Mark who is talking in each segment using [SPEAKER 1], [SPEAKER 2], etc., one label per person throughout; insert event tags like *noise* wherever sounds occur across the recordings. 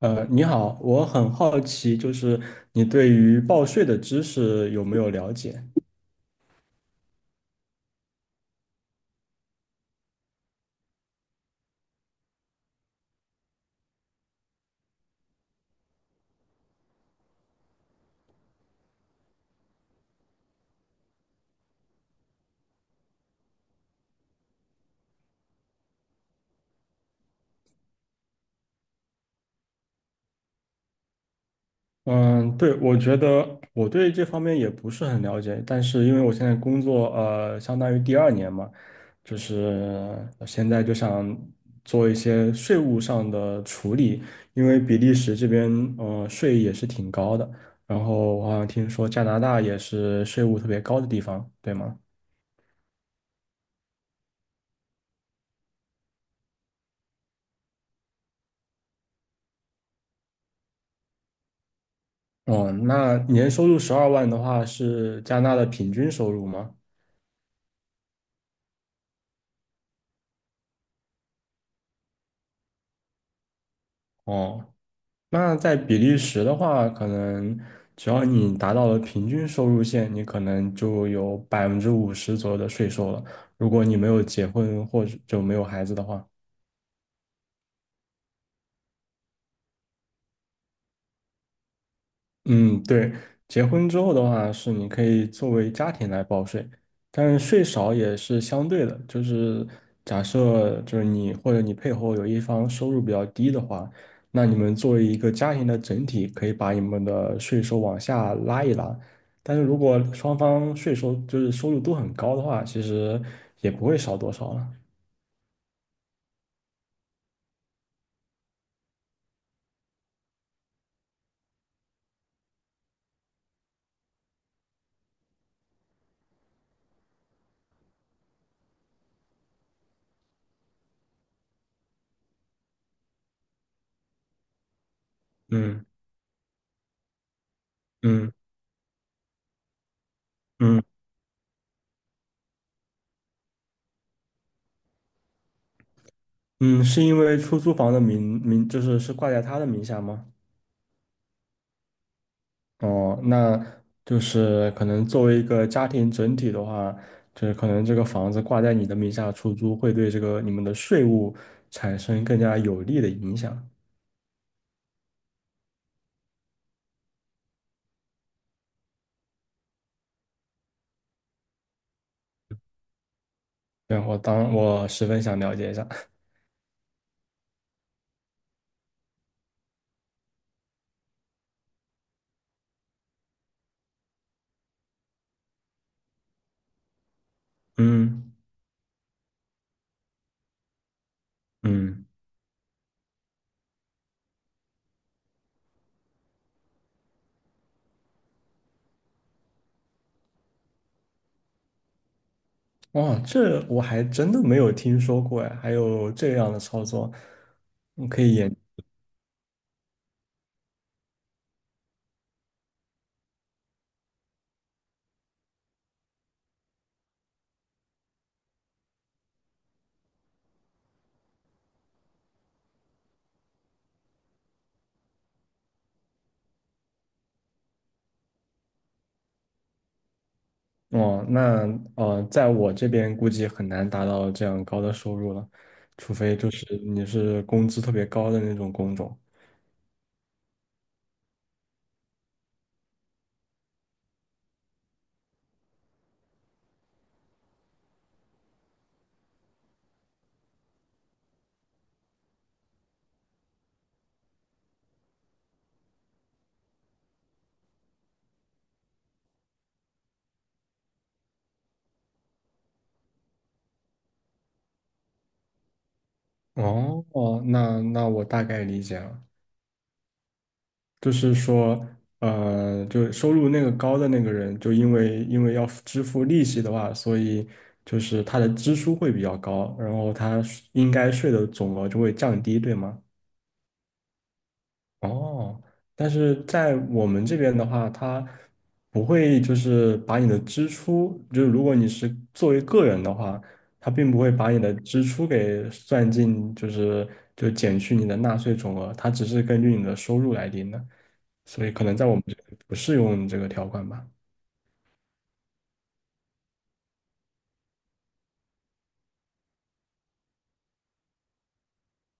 [SPEAKER 1] 你好，我很好奇，你对于报税的知识有没有了解？嗯，对，我觉得我对这方面也不是很了解，但是因为我现在工作，相当于第二年嘛，现在就想做一些税务上的处理，因为比利时这边，税也是挺高的，然后我好像听说加拿大也是税务特别高的地方，对吗？哦，那年收入十二万的话是加拿大的平均收入吗？哦，那在比利时的话，可能只要你达到了平均收入线，你可能就有百分之五十左右的税收了。如果你没有结婚或者就没有孩子的话，嗯，对，结婚之后的话是你可以作为家庭来报税，但是税少也是相对的，假设你或者你配偶有一方收入比较低的话，那你们作为一个家庭的整体，可以把你们的税收往下拉一拉。但是如果双方税收收入都很高的话，其实也不会少多少了。嗯。嗯。嗯。嗯，是因为出租房的名是挂在他的名下吗？哦，那就是可能作为一个家庭整体的话，就是可能这个房子挂在你的名下出租，会对这个你们的税务产生更加有利的影响。对，我十分想了解一下。嗯。嗯。哇，这我还真的没有听说过呀，还有这样的操作，你可以研。哦，那在我这边估计很难达到这样高的收入了，除非就是你是工资特别高的那种工种。哦哦，那我大概理解了，就是说，就收入那个高的那个人，就因为要支付利息的话，所以他的支出会比较高，然后他应该税的总额就会降低，对吗？哦，但是在我们这边的话，它不会就是把你的支出，就是如果你是作为个人的话，它并不会把你的支出给算进，就减去你的纳税总额，它只是根据你的收入来定的，所以可能在我们这里不适用这个条款吧。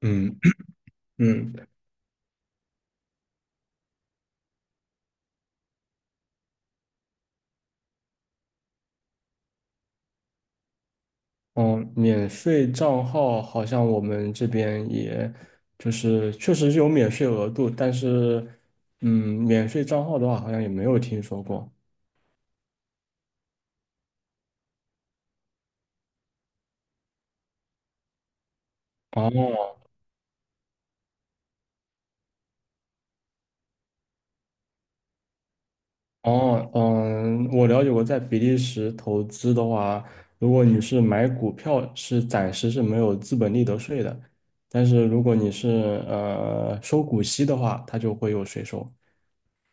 [SPEAKER 1] 嗯。 *clears throat* 嗯，嗯，免税账号好像我们这边也就是确实是有免税额度，但是嗯，免税账号的话好像也没有听说过。哦，哦，嗯，我了解过，在比利时投资的话，如果你是买股票，是暂时是没有资本利得税的，但是如果你是收股息的话，它就会有税收。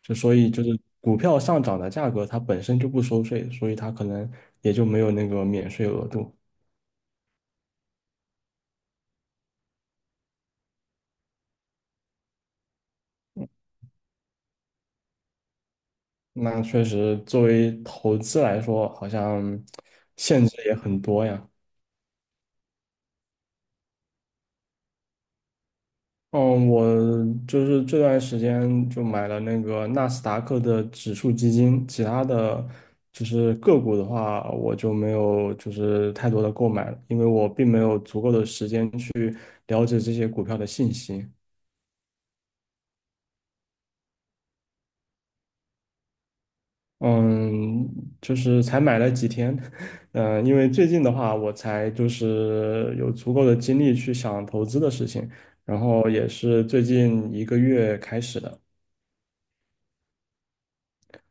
[SPEAKER 1] 所以股票上涨的价格，它本身就不收税，所以它可能也就没有那个免税额度。那确实，作为投资来说，好像限制也很多呀。嗯，我这段时间就买了那个纳斯达克的指数基金，其他的个股的话，我就没有太多的购买了，因为我并没有足够的时间去了解这些股票的信息。嗯，才买了几天，*laughs* 嗯，因为最近的话，我才有足够的精力去想投资的事情，然后也是最近一个月开始的。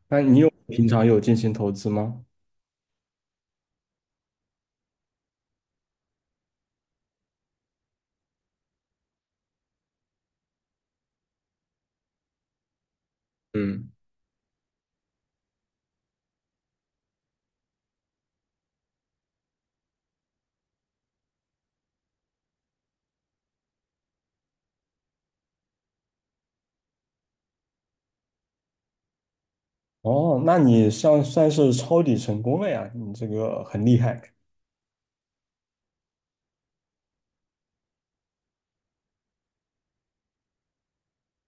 [SPEAKER 1] 那你有平常有进行投资吗？嗯。哦，那你算是抄底成功了呀，你这个很厉害，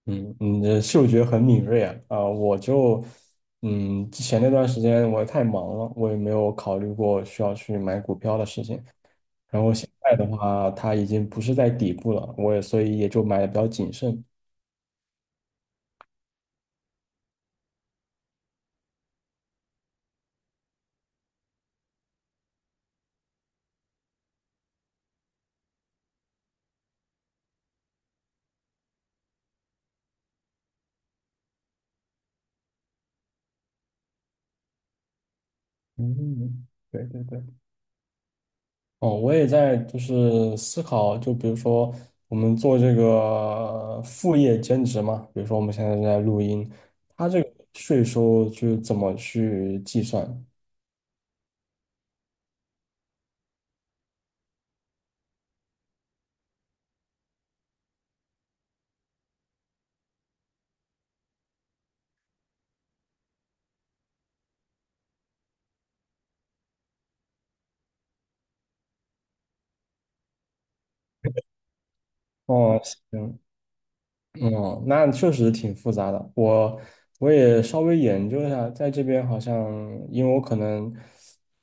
[SPEAKER 1] 嗯，你的嗅觉很敏锐啊，啊，我就，嗯，之前那段时间我太忙了，我也没有考虑过需要去买股票的事情，然后现在的话，它已经不是在底部了，我也所以也就买的比较谨慎，嗯，对对对。哦，我也在思考，就比如说我们做这个副业兼职嘛，比如说我们现在正在录音，它这个税收就怎么去计算？哦。行。哦，那确实挺复杂的。我也稍微研究一下，在这边好像，因为我可能，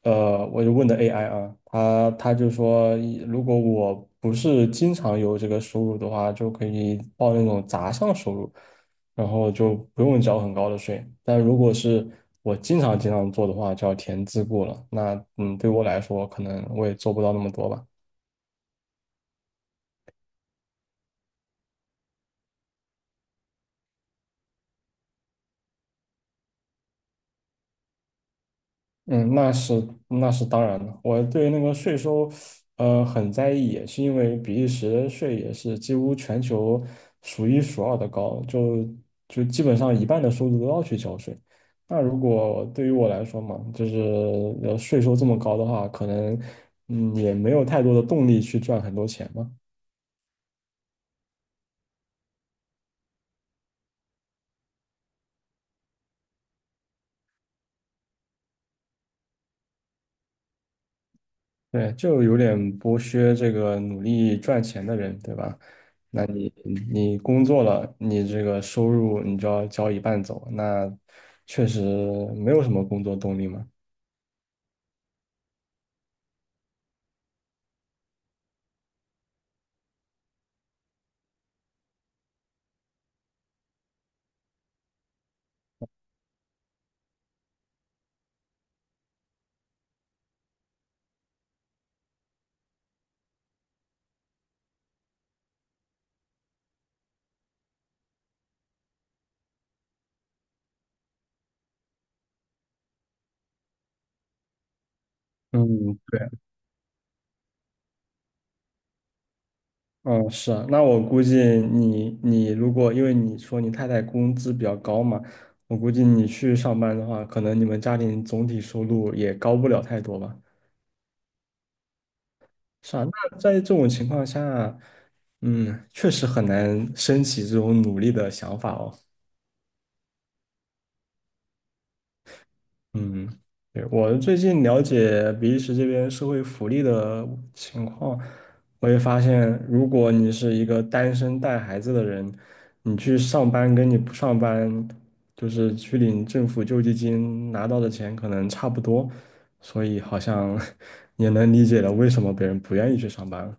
[SPEAKER 1] 我就问的 AI 啊，他就说，如果我不是经常有这个收入的话，就可以报那种杂项收入，然后就不用交很高的税。但如果是我经常做的话，就要填自雇了。那嗯，对我来说，可能我也做不到那么多吧。嗯，那是那是当然的。我对那个税收，很在意，也是因为比利时的税也是几乎全球数一数二的高，基本上一半的收入都要去交税。那如果对于我来说嘛，税收这么高的话，可能嗯也没有太多的动力去赚很多钱嘛。对，就有点剥削这个努力赚钱的人，对吧？那你工作了，你这个收入你就要交一半走，那确实没有什么工作动力嘛。嗯，对，嗯，是啊，那我估计你如果因为你说你太太工资比较高嘛，我估计你去上班的话，可能你们家庭总体收入也高不了太多吧。是啊，那在这种情况下，嗯，确实很难升起这种努力的想法哦。嗯，对，我最近了解比利时这边社会福利的情况，我也发现，如果你是一个单身带孩子的人，你去上班跟你不上班，就是去领政府救济金拿到的钱可能差不多，所以好像 *laughs* 也能理解了为什么别人不愿意去上班了。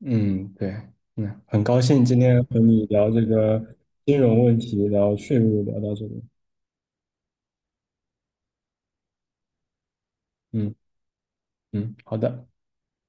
[SPEAKER 1] 嗯，对，嗯，很高兴今天和你聊这个金融问题，聊税务，聊到这里。嗯。嗯，好的。